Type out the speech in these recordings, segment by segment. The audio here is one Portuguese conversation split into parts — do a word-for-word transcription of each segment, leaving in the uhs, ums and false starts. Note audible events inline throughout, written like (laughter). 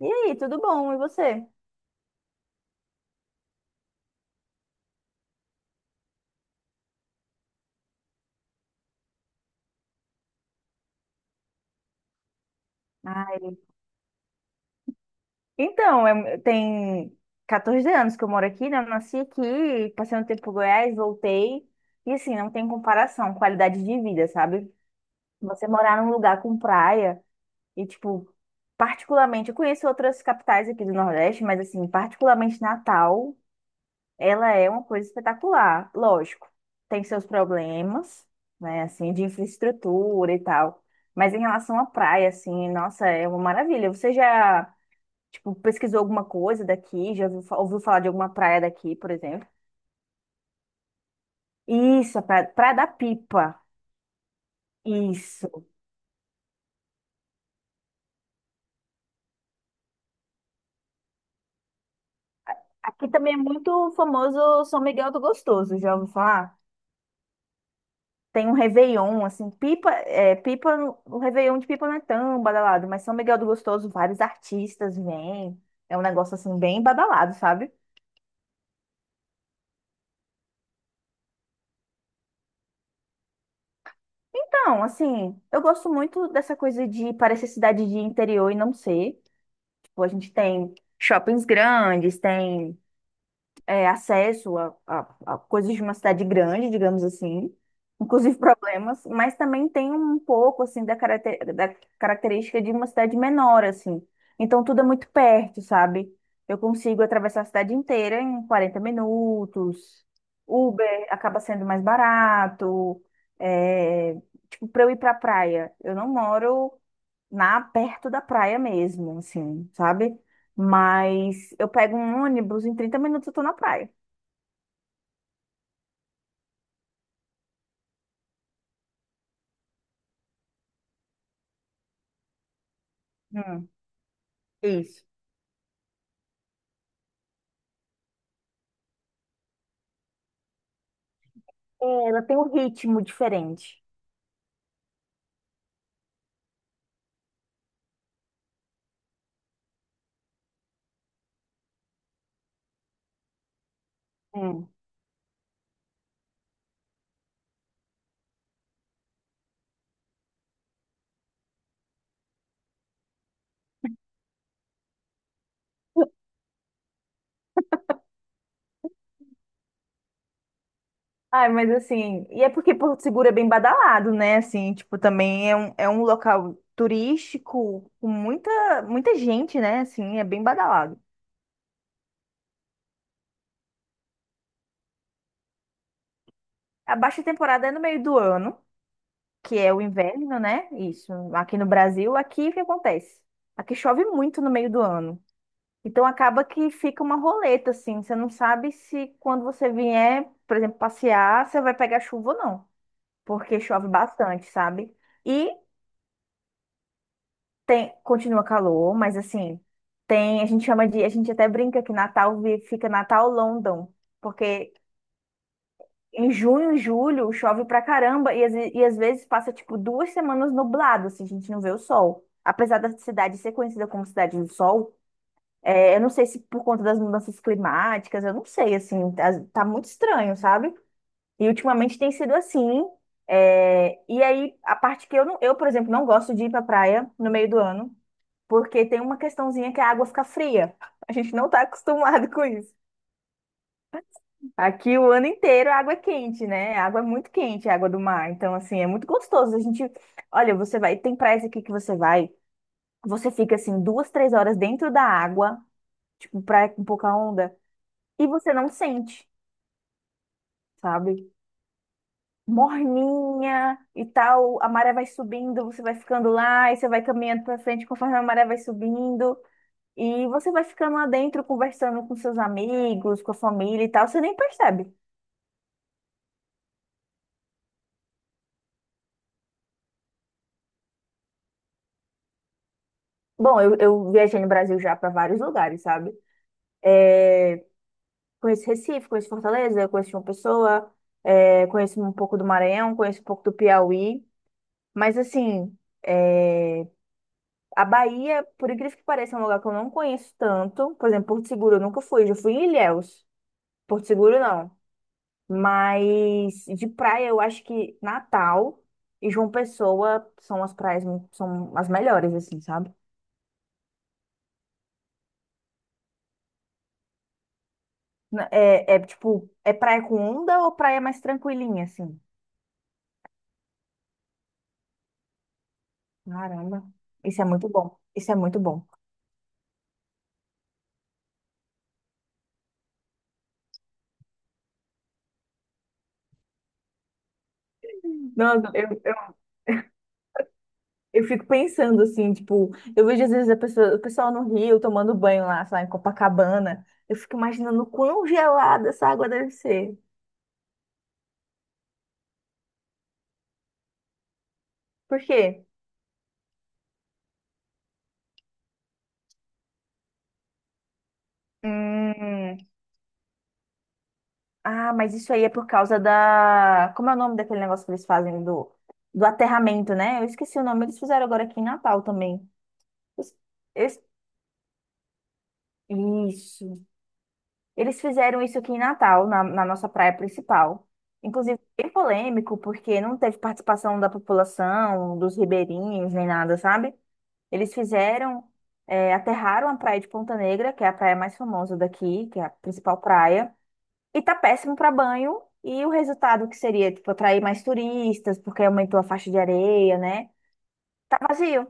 E aí, tudo bom? E você? Ah, então, é- tem quatorze anos que eu moro aqui, né? Eu nasci aqui, passei um tempo em Goiás, voltei. E assim, não tem comparação, qualidade de vida, sabe? Você morar num lugar com praia e, tipo, particularmente, eu conheço outras capitais aqui do Nordeste, mas assim, particularmente Natal, ela é uma coisa espetacular. Lógico, tem seus problemas, né? Assim, de infraestrutura e tal. Mas em relação à praia, assim, nossa, é uma maravilha. Você já Tipo, pesquisou alguma coisa daqui, já ouviu, fa- ouviu falar de alguma praia daqui, por exemplo. Isso, a praia, Praia da Pipa. Isso. Aqui também é muito famoso São Miguel do Gostoso, já ouviu falar? Tem um Réveillon, assim, Pipa, é, Pipa, o Réveillon de Pipa não é tão badalado, mas São Miguel do Gostoso, vários artistas vêm. É um negócio, assim, bem badalado, sabe? Então, assim, eu gosto muito dessa coisa de parecer cidade de interior e não ser. Tipo, a gente tem shoppings grandes, tem é, acesso a, a- a coisas de uma cidade grande, digamos assim, inclusive (laughs) problemas, mas também tem um pouco assim da, caracter- da característica de uma cidade menor, assim. Então tudo é muito perto, sabe? Eu consigo atravessar a cidade inteira em quarenta minutos. Uber acaba sendo mais barato. É, tipo, para eu ir para praia, eu não moro na perto da praia mesmo, assim, sabe? Mas eu pego um ônibus, em trinta minutos eu tô na praia. Hum, isso. É, ela tem um ritmo diferente. Hum. Ai, mas assim, e é porque Porto Seguro é bem badalado, né? Assim, tipo, também é um, é um local turístico com muita, muita gente, né? Assim, é bem badalado. A baixa temporada é no meio do ano, que é o inverno, né? Isso. Aqui no Brasil, aqui o que acontece? Aqui chove muito no meio do ano. Então acaba que fica uma roleta, assim. Você não sabe se quando você vier, por exemplo, passear, você vai pegar chuva ou não. Porque chove bastante, sabe? E tem, continua calor, mas assim, tem, a gente chama de, a gente até brinca que Natal vi- fica Natal London. Porque em junho e julho chove pra caramba e, às ve- e às vezes passa tipo duas semanas nublado, assim, a gente não vê o sol. Apesar da cidade ser conhecida como Cidade do Sol, É, eu não sei se por conta das mudanças climáticas, eu não sei, assim, tá, tá muito estranho, sabe? E ultimamente tem sido assim. É, e aí, a parte que eu não, eu, por exemplo, não gosto de ir pra praia no meio do ano, porque tem uma questãozinha que a água fica fria. (laughs) A gente não tá (laughs) acostumado com isso. Aqui o ano inteiro a água é quente, né? A água é muito quente, a água do mar. Então, assim, é muito gostoso. A gente, olha, você vai, tem praias aqui que você vai, você fica assim duas, três horas dentro da água, tipo praia com pouca onda. E você não sente, sabe? Morninha e tal, a maré vai subindo, você vai ficando lá e você vai caminhando pra frente conforme a maré vai subindo. E você vai ficando lá dentro conversando com seus amigos, com a família e tal, você nem percebe. Bom, eu, eu viajei no Brasil já pra vários lugares, sabe? Conheço Recife, conheço Fortaleza, conheço João Pessoa, eh, conheço um pouco do Maranhão, conheço um pouco do Piauí. Mas assim, é a Bahia, por incrível que pareça, é um lugar que eu não conheço tanto. Por exemplo, Porto Seguro eu nunca fui, já fui em Ilhéus. Porto Seguro não. Mas de praia eu acho que Natal e João Pessoa são as praias, mu- são as melhores, assim, sabe? Na- É, é tipo, é praia com onda ou praia mais tranquilinha, assim? Caramba, isso é muito bom. Isso é muito bom. Não, eu, eu eu fico pensando assim, tipo, eu vejo às vezes a pessoa, o pessoal no Rio tomando banho lá, sei lá, em Copacabana. Eu fico imaginando quão gelada essa água deve ser. Por quê? Hum, ah, mas isso aí é por causa da. Como é o nome daquele negócio que eles fazem do, do aterramento, né? Eu esqueci o nome, eles fizeram agora aqui em Natal também. Eu es- eu es- Isso. Eles fizeram isso aqui em Natal, na, na nossa praia principal. Inclusive, bem polêmico, porque não teve participação da população, dos ribeirinhos, nem nada, sabe? Eles fizeram, é, aterraram a praia de Ponta Negra, que é a praia mais famosa daqui, que é a principal praia, e tá péssimo para banho. E o resultado que seria, tipo, atrair mais turistas, porque aumentou a faixa de areia, né? Tá vazio.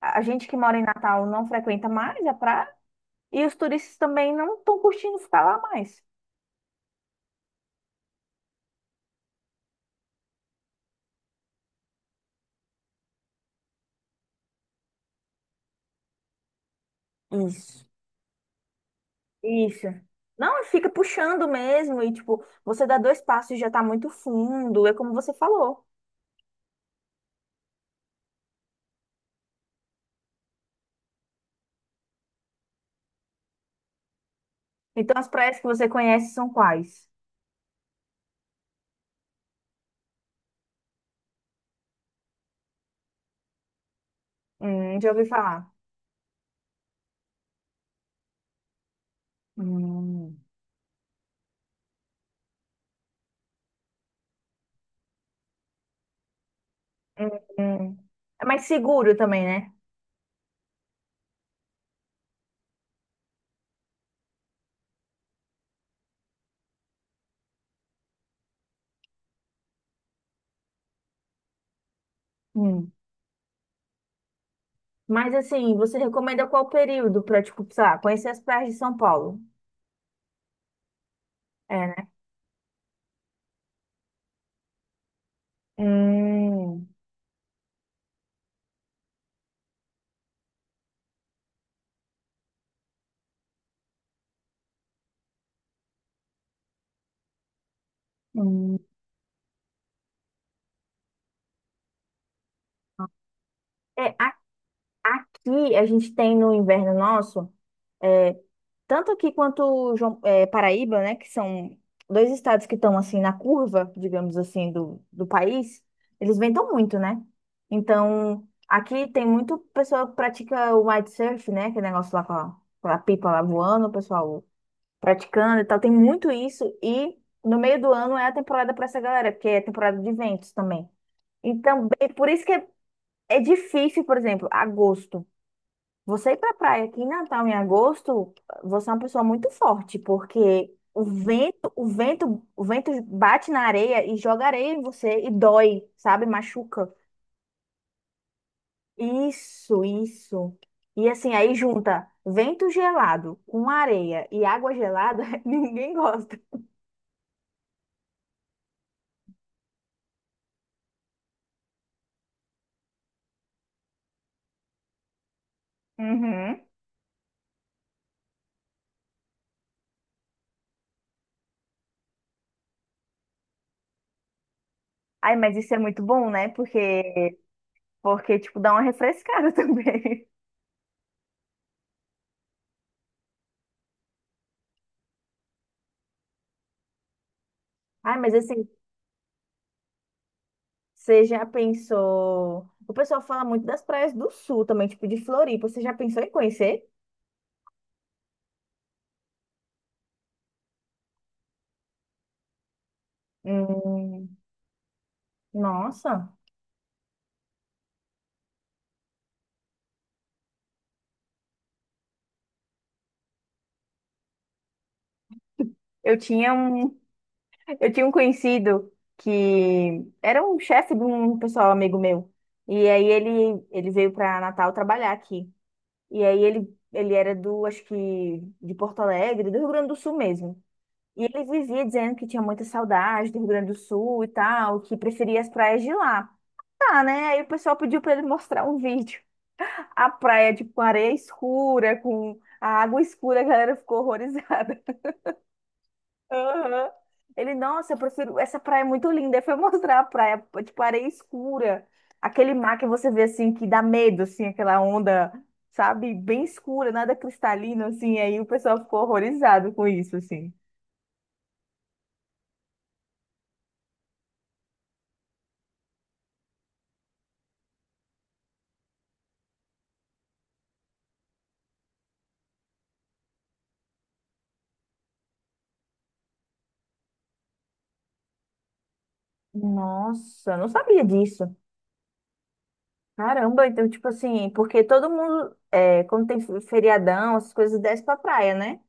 A a gente que mora em Natal não frequenta mais a praia, e os turistas também não estão curtindo ficar lá mais. Isso. Isso. Não, fica puxando mesmo e tipo, você dá dois passos e já tá muito fundo, é como você falou. Então as praias que você conhece são quais? Hum, já ouvi falar. Hum, hum. Hum. É mais seguro também, né? Hum. Mas assim, você recomenda qual período pra, tipo, sei lá, conhecer as praias de São Paulo? É, né? Hum, hum. É, a- aqui a gente tem no inverno nosso é, Tanto aqui quanto João- eh, Paraíba, né, que são dois estados que estão assim na curva, digamos assim, do, do país, eles vendam muito, né? Então, aqui tem muito pessoa que pratica o windsurf, né, aquele negócio lá com a, com a pipa lá voando, o pessoal praticando e tal, tem muito isso e no meio do ano é a temporada para essa galera, porque é temporada de eventos também. Então, bem- por isso que é, é difícil, por exemplo, agosto. Você ir pra praia aqui em Natal em agosto, você é uma pessoa muito forte, porque o vento, o vento, o vento bate na areia e joga areia em você e dói, sabe? Machuca. Isso, isso. E assim, aí junta vento gelado com areia e água gelada, (laughs) ninguém gosta. Uhum. Ai, mas isso é muito bom, né? Porque, porque tipo, dá uma refrescada (laughs) também. Ai, mas assim, você já pensou? O pessoal fala muito das praias do sul também, tipo de Floripa. Você já pensou em conhecer? Hum, nossa, eu tinha um, eu tinha um conhecido que era um chefe de um pessoal amigo meu. E aí ele, ele veio para Natal trabalhar aqui. E aí ele, ele era do, acho que de Porto Alegre, do Rio Grande do Sul mesmo. E ele vivia dizendo que tinha muita saudade do Rio Grande do Sul e tal, que preferia as praias de lá. Tá, né? Aí o pessoal pediu para ele mostrar um (laughs) vídeo. A praia, tipo, com areia escura, com a água escura, a galera ficou horrorizada. (laughs) Aham. Ele, nossa, eu prefiro, essa praia é muito linda. Aí foi mostrar a praia, tipo, areia escura, aquele mar que você vê, assim, que dá medo, assim, aquela onda, sabe, bem escura, nada cristalino, assim. Aí o pessoal ficou horrorizado com isso, assim. Nossa, não sabia disso. Caramba, então, tipo assim, porque todo mundo, é, quando tem feriadão, essas coisas desce pra praia, né?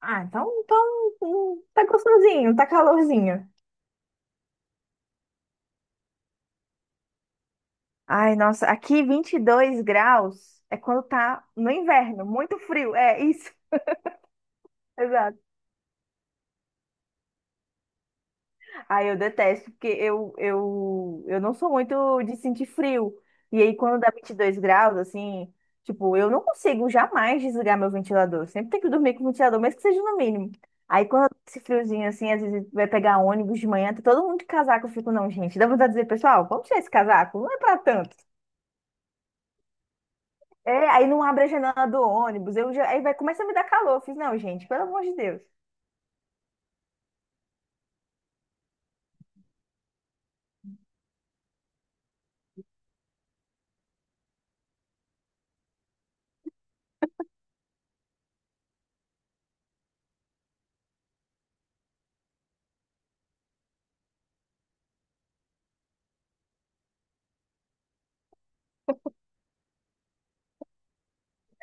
Ah, então, então hum, tá gostosinho, tá calorzinho. Ai, nossa, aqui vinte e dois graus é quando tá no inverno, muito frio, é isso. (laughs) Exato. Ai, eu detesto, porque eu, eu, eu não sou muito de sentir frio. E aí, quando dá vinte e dois graus, assim, tipo, eu não consigo jamais desligar meu ventilador. Eu Sempre tenho que dormir com o ventilador, mesmo que seja no mínimo. Aí, quando dá esse friozinho, assim, às vezes vai pegar ônibus de manhã, tá todo mundo de casaco, eu fico, não, gente, dá vontade de dizer, pessoal, vamos tirar esse casaco, não é pra tanto. É, aí não abre a janela do ônibus. Eu já, aí vai, começa a me dar calor. Eu fiz, não, gente, pelo amor de Deus.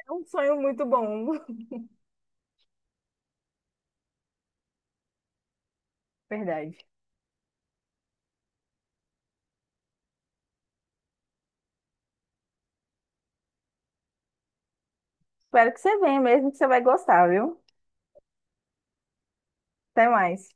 É um sonho muito bom. (laughs) Verdade. Espero que você venha mesmo, que você vai gostar, viu? Até mais.